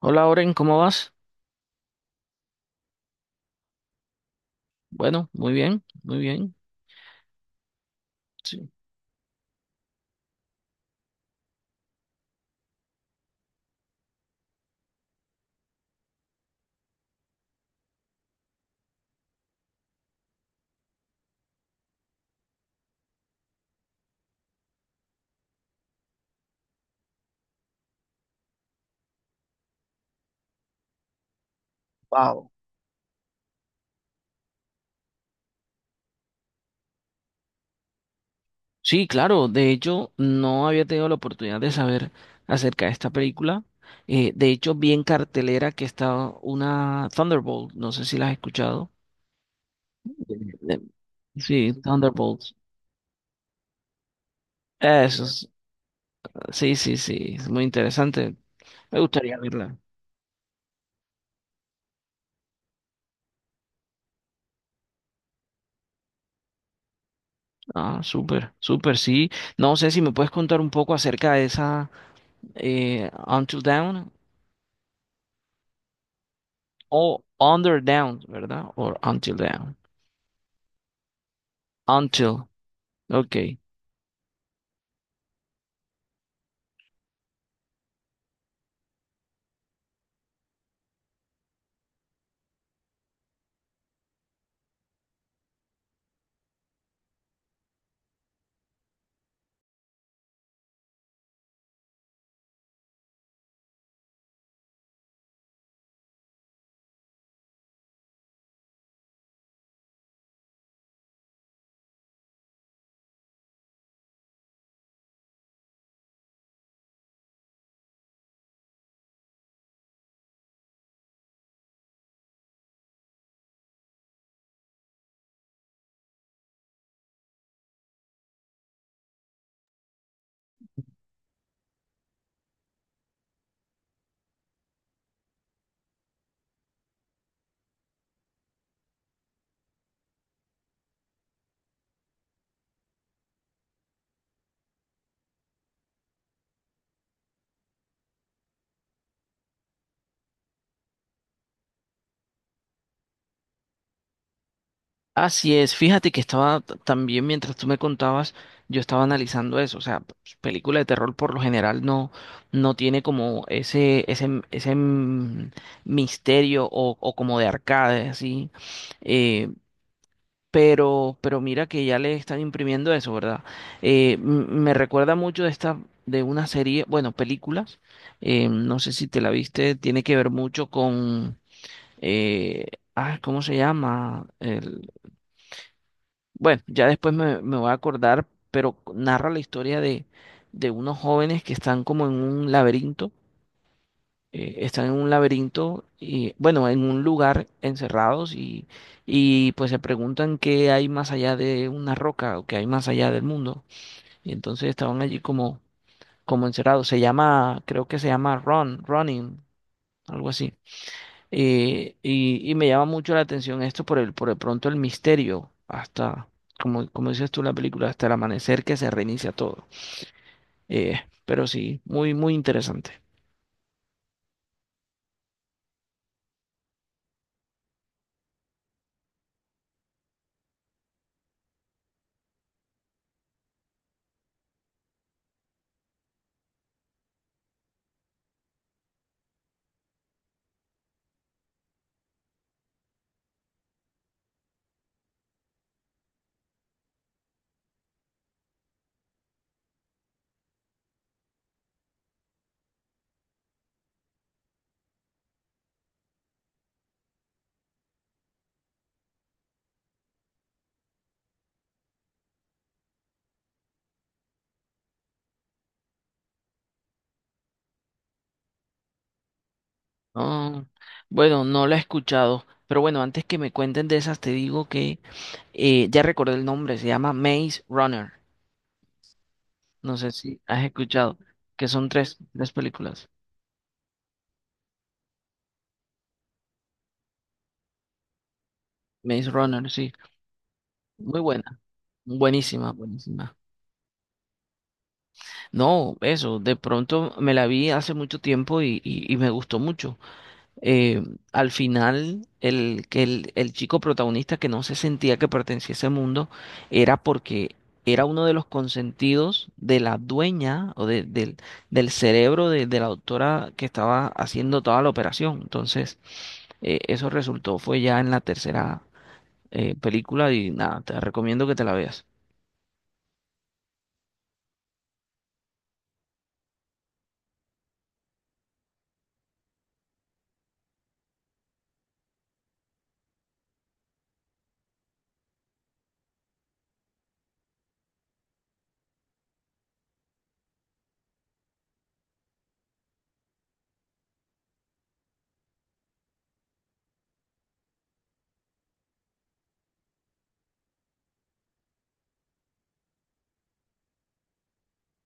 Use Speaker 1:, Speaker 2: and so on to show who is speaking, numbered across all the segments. Speaker 1: Hola, Oren, ¿cómo vas? Bueno, muy bien, muy bien. Sí. Wow. Sí, claro, de hecho no había tenido la oportunidad de saber acerca de esta película. De hecho, vi en cartelera que estaba una Thunderbolt, no sé si la has escuchado. Eh, Sí, Thunderbolt. Eso, sí, sí, sí, es muy interesante. Me gustaría verla. Ah, súper, súper, sí. No sé si me puedes contar un poco acerca de esa Until Dawn. O Under Down, ¿verdad? O Until Down. Until. Ok. Así es. Fíjate que estaba también mientras tú me contabas, yo estaba analizando eso. O sea, pues, película de terror por lo general no tiene como ese, misterio o como de arcade, así. Eh, pero mira que ya le están imprimiendo eso, ¿verdad? Me recuerda mucho de esta, de una serie, bueno, películas, no sé si te la viste, tiene que ver mucho con, eh, ah, ¿cómo se llama? El, bueno, ya después me voy a acordar, pero narra la historia de unos jóvenes que están como en un laberinto están en un laberinto y bueno, en un lugar encerrados y pues se preguntan qué hay más allá de una roca o qué hay más allá del mundo. Y entonces estaban allí como, como encerrados. Se llama, creo que se llama Run, Running, algo así. Y, y me llama mucho la atención esto por el, por de pronto el misterio hasta, como, como dices tú en la película, hasta el amanecer que se reinicia todo. Eh, pero sí, muy, muy interesante. Ah, bueno, no la he escuchado, pero bueno, antes que me cuenten de esas, te digo que ya recordé el nombre, se llama Maze Runner. No sé si has escuchado, que son tres, tres películas. Maze Runner, sí, muy buena, buenísima, buenísima. No, eso, de pronto me la vi hace mucho tiempo y me gustó mucho. eh, Al final, el, que el chico protagonista que no se sentía que pertenecía a ese mundo era porque era uno de los consentidos de la dueña o del, del cerebro de la doctora que estaba haciendo toda la operación. Entonces, eso resultó, fue ya en la tercera película y nada, te recomiendo que te la veas.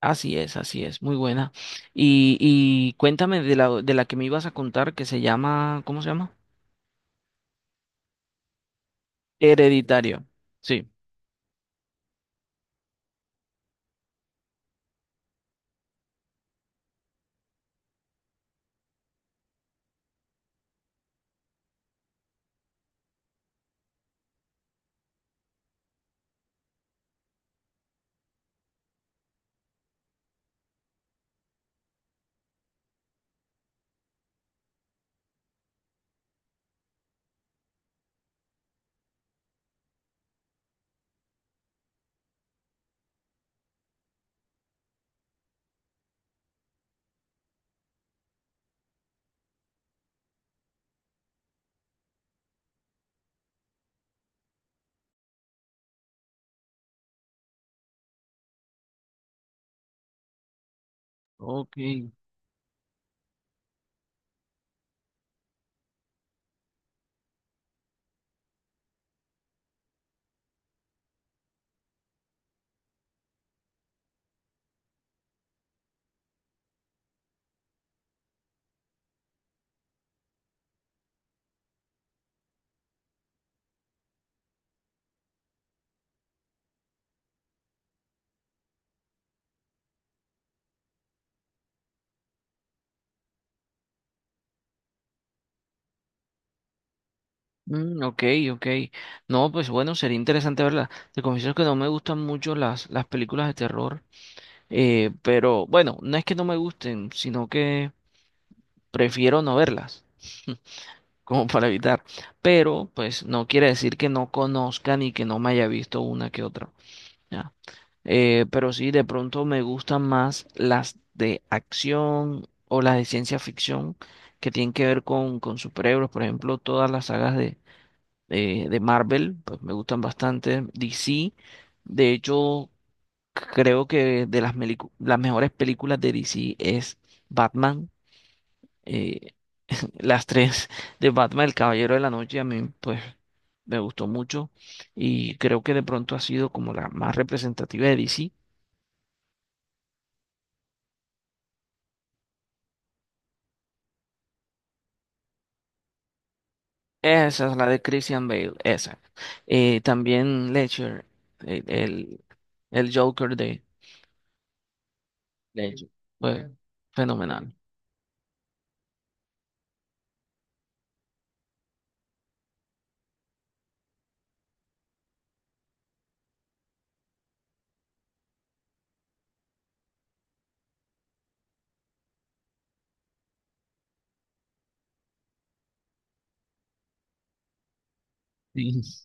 Speaker 1: Así es, muy buena. Y cuéntame de la que me ibas a contar que se llama, ¿cómo se llama? Hereditario. Sí. Ok, mm, ok, ok. No, pues bueno, sería interesante verla. Te confieso que no me gustan mucho las películas de terror, pero bueno, no es que no me gusten, sino que prefiero no verlas, como para evitar. Pero pues no quiere decir que no conozca ni que no me haya visto una que otra. Ya. Pero sí, de pronto me gustan más las de acción o las de ciencia ficción que tienen que ver con superhéroes, por ejemplo, todas las sagas de Marvel, pues me gustan bastante. DC, de hecho, creo que de las, las mejores películas de DC es Batman. eh, las tres de Batman, El Caballero de la Noche, a mí pues me gustó mucho y creo que de pronto ha sido como la más representativa de DC. Esa es la de Christian Bale, esa. También Ledger, el, el, el Joker de Ledger, fue fenomenal. Sí.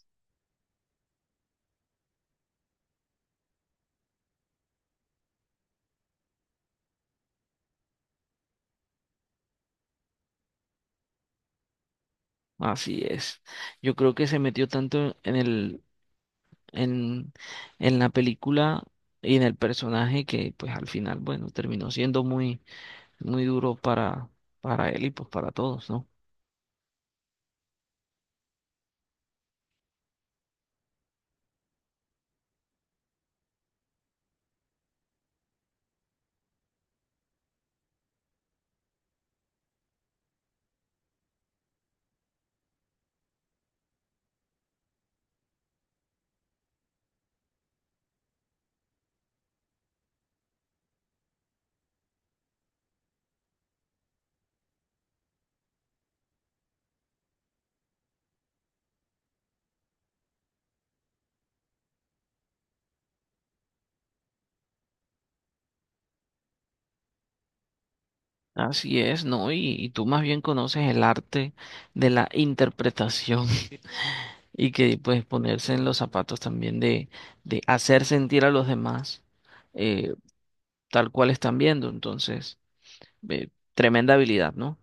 Speaker 1: Así es. Yo creo que se metió tanto en el, en, en la película y en el personaje que pues al final, bueno, terminó siendo muy, muy duro para él y pues para todos, ¿no? Así es, ¿no? Y tú más bien conoces el arte de la interpretación y que pues ponerse en los zapatos también de hacer sentir a los demás eh, tal cual están viendo. Entonces, eh, tremenda habilidad, ¿no?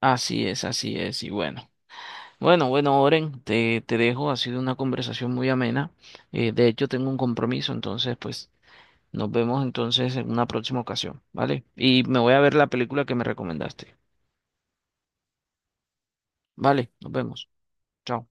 Speaker 1: Así es, así es. Y bueno. Bueno, bueno, Oren, te dejo. Ha sido una conversación muy amena. De hecho, tengo un compromiso, entonces, pues nos vemos entonces en una próxima ocasión, ¿vale? Y me voy a ver la película que me recomendaste. Vale, nos vemos. Chao.